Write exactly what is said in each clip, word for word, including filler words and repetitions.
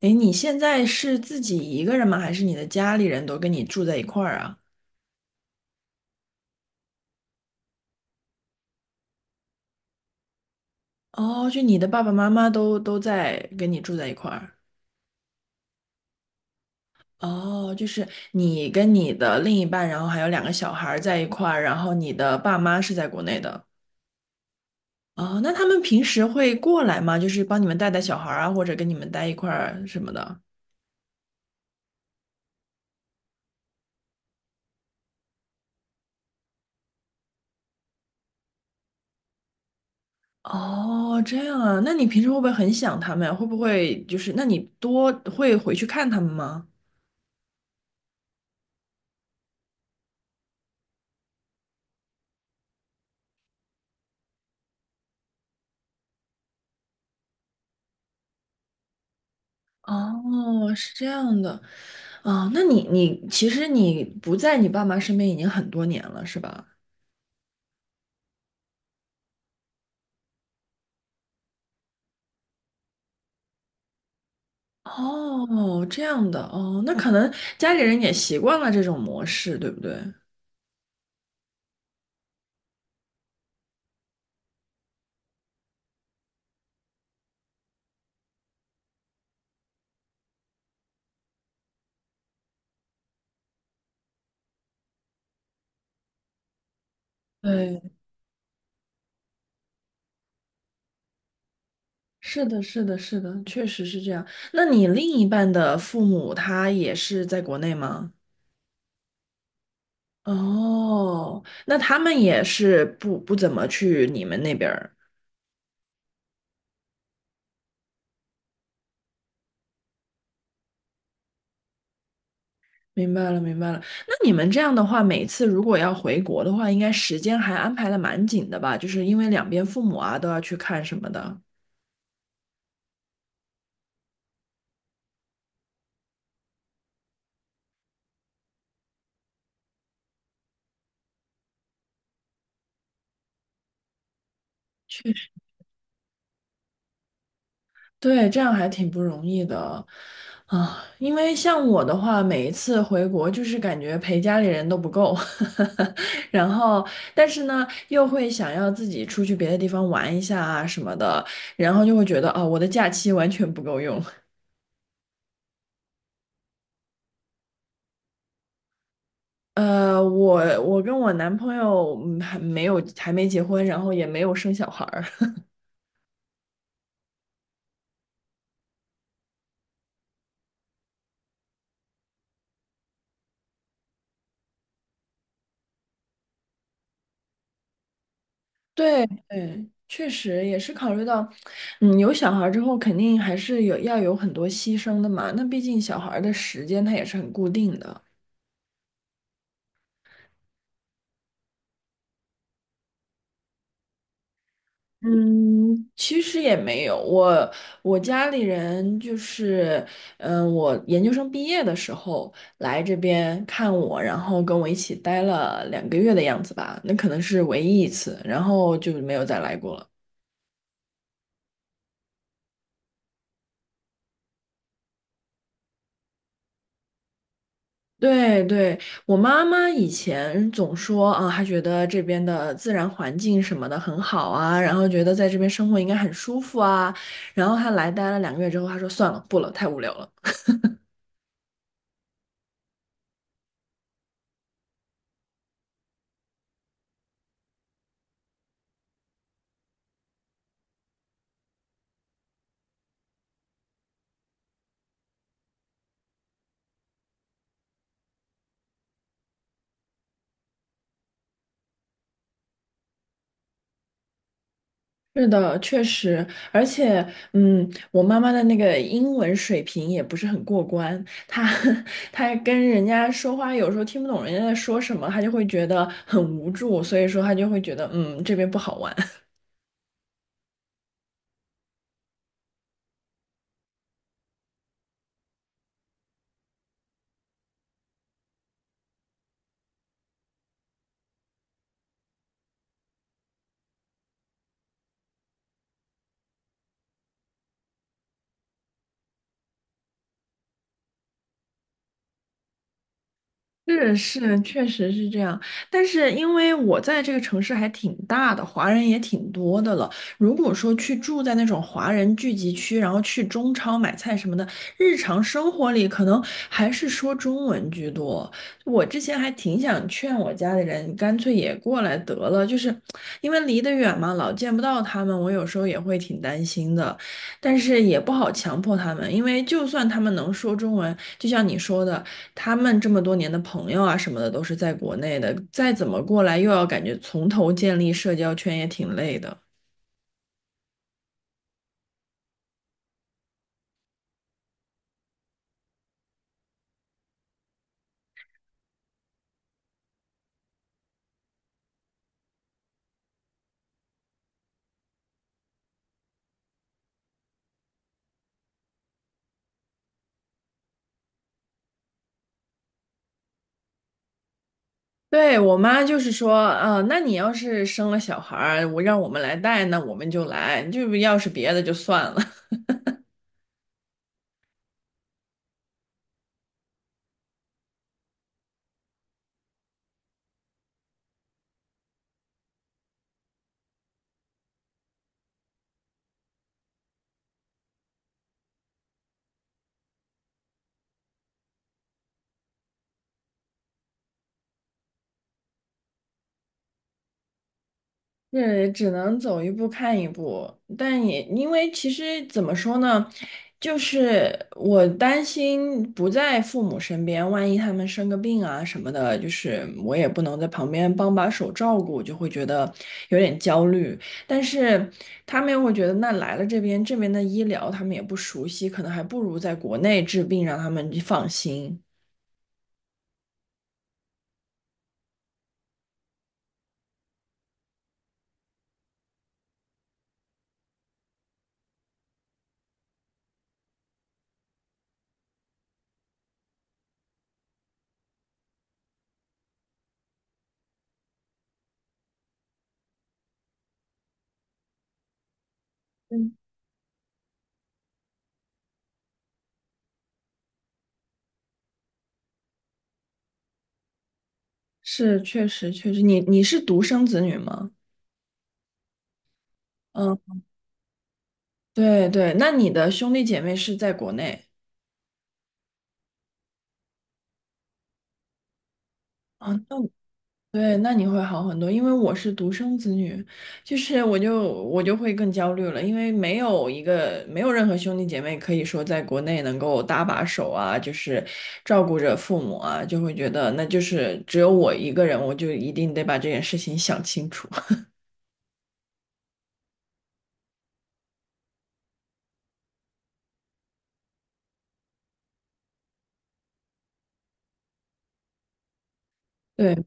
诶，你现在是自己一个人吗？还是你的家里人都跟你住在一块儿啊？哦，就你的爸爸妈妈都都在跟你住在一块儿。哦，就是你跟你的另一半，然后还有两个小孩儿在一块儿，然后你的爸妈是在国内的。哦，那他们平时会过来吗？就是帮你们带带小孩儿啊，或者跟你们待一块儿什么的。哦，这样啊，那你平时会不会很想他们呀？会不会就是，那你多会回去看他们吗？哦，是这样的。啊，那你你其实你不在你爸妈身边已经很多年了，是吧？哦，这样的哦，那可能家里人也习惯了这种模式，对不对？对，是的，是的，是的，确实是这样。那你另一半的父母他也是在国内吗？哦，那他们也是不不怎么去你们那边儿。明白了，明白了。那你们这样的话，每次如果要回国的话，应该时间还安排的蛮紧的吧？就是因为两边父母啊都要去看什么的。对，这样还挺不容易的啊。因为像我的话，每一次回国就是感觉陪家里人都不够，然后但是呢又会想要自己出去别的地方玩一下啊什么的，然后就会觉得啊我的假期完全不够用。呃，我我跟我男朋友嗯还没有还没结婚，然后也没有生小孩儿。对嗯，确实也是考虑到，嗯，有小孩儿之后肯定还是有要有很多牺牲的嘛。那毕竟小孩儿的时间它也是很固定的。嗯，其实也没有，我我家里人就是，嗯，我研究生毕业的时候来这边看我，然后跟我一起待了两个月的样子吧，那可能是唯一一次，然后就没有再来过了。对对，我妈妈以前总说啊，她觉得这边的自然环境什么的很好啊，然后觉得在这边生活应该很舒服啊，然后她来待了两个月之后，她说算了，不了，太无聊了。是的，确实，而且，嗯，我妈妈的那个英文水平也不是很过关，她 她跟人家说话有时候听不懂人家在说什么，她就会觉得很无助，所以说她就会觉得，嗯，这边不好玩。是是，确实是这样。但是因为我在这个城市还挺大的，华人也挺多的了。如果说去住在那种华人聚集区，然后去中超买菜什么的，日常生活里可能还是说中文居多。我之前还挺想劝我家里人，干脆也过来得了，就是因为离得远嘛，老见不到他们，我有时候也会挺担心的。但是也不好强迫他们，因为就算他们能说中文，就像你说的。他们这么多年的朋友啊什么的都是在国内的，再怎么过来又要感觉从头建立社交圈也挺累的。对，我妈就是说，啊，那你要是生了小孩儿，我让我们来带，那我们就来；就要是别的就算了。是只能走一步看一步，但也因为其实怎么说呢，就是我担心不在父母身边，万一他们生个病啊什么的，就是我也不能在旁边帮把手照顾，就会觉得有点焦虑。但是他们又会觉得，那来了这边，这边的医疗他们也不熟悉，可能还不如在国内治病，让他们放心。嗯，是，确实确实，你你是独生子女吗？嗯。对对，那你的兄弟姐妹是在国内啊？那对，那你会好很多，因为我是独生子女，就是我就我就会更焦虑了，因为没有一个没有任何兄弟姐妹可以说在国内能够搭把手啊，就是照顾着父母啊，就会觉得那就是只有我一个人，我就一定得把这件事情想清楚。对，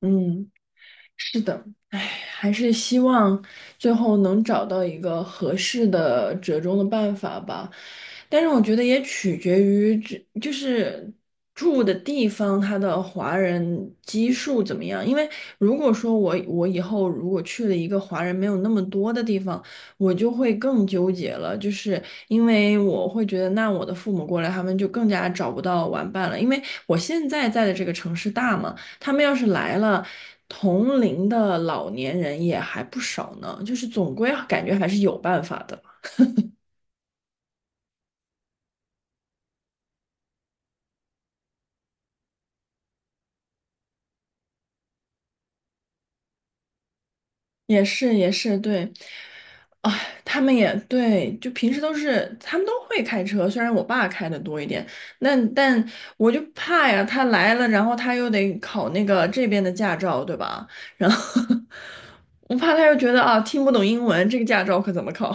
嗯。是的，唉，还是希望最后能找到一个合适的折中的办法吧。但是我觉得也取决于这就是住的地方，它的华人基数怎么样。因为如果说我我以后如果去了一个华人没有那么多的地方，我就会更纠结了，就是因为我会觉得，那我的父母过来，他们就更加找不到玩伴了。因为我现在在的这个城市大嘛。他们要是来了，同龄的老年人也还不少呢，就是总归啊感觉还是有办法的。也是也是，对，啊，他们也对，就平时都是他们都会开车，虽然我爸开的多一点，那但我就怕呀，他来了，然后他又得考那个这边的驾照，对吧？然后 我怕他又觉得啊，听不懂英文，这个驾照可怎么考？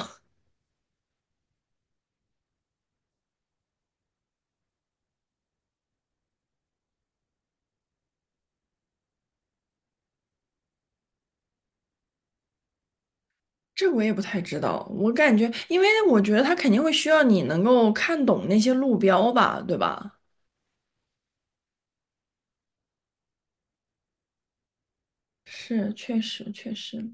这我也不太知道，我感觉，因为我觉得他肯定会需要你能够看懂那些路标吧，对吧？是，确实，确实，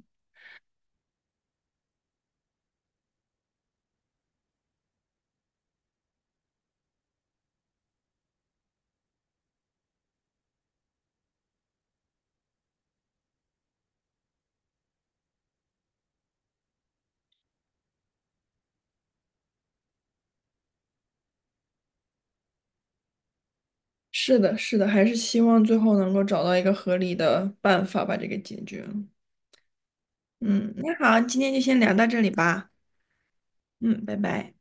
是的，是的，还是希望最后能够找到一个合理的办法把这个解决了。嗯，那好，今天就先聊到这里吧。嗯，拜拜。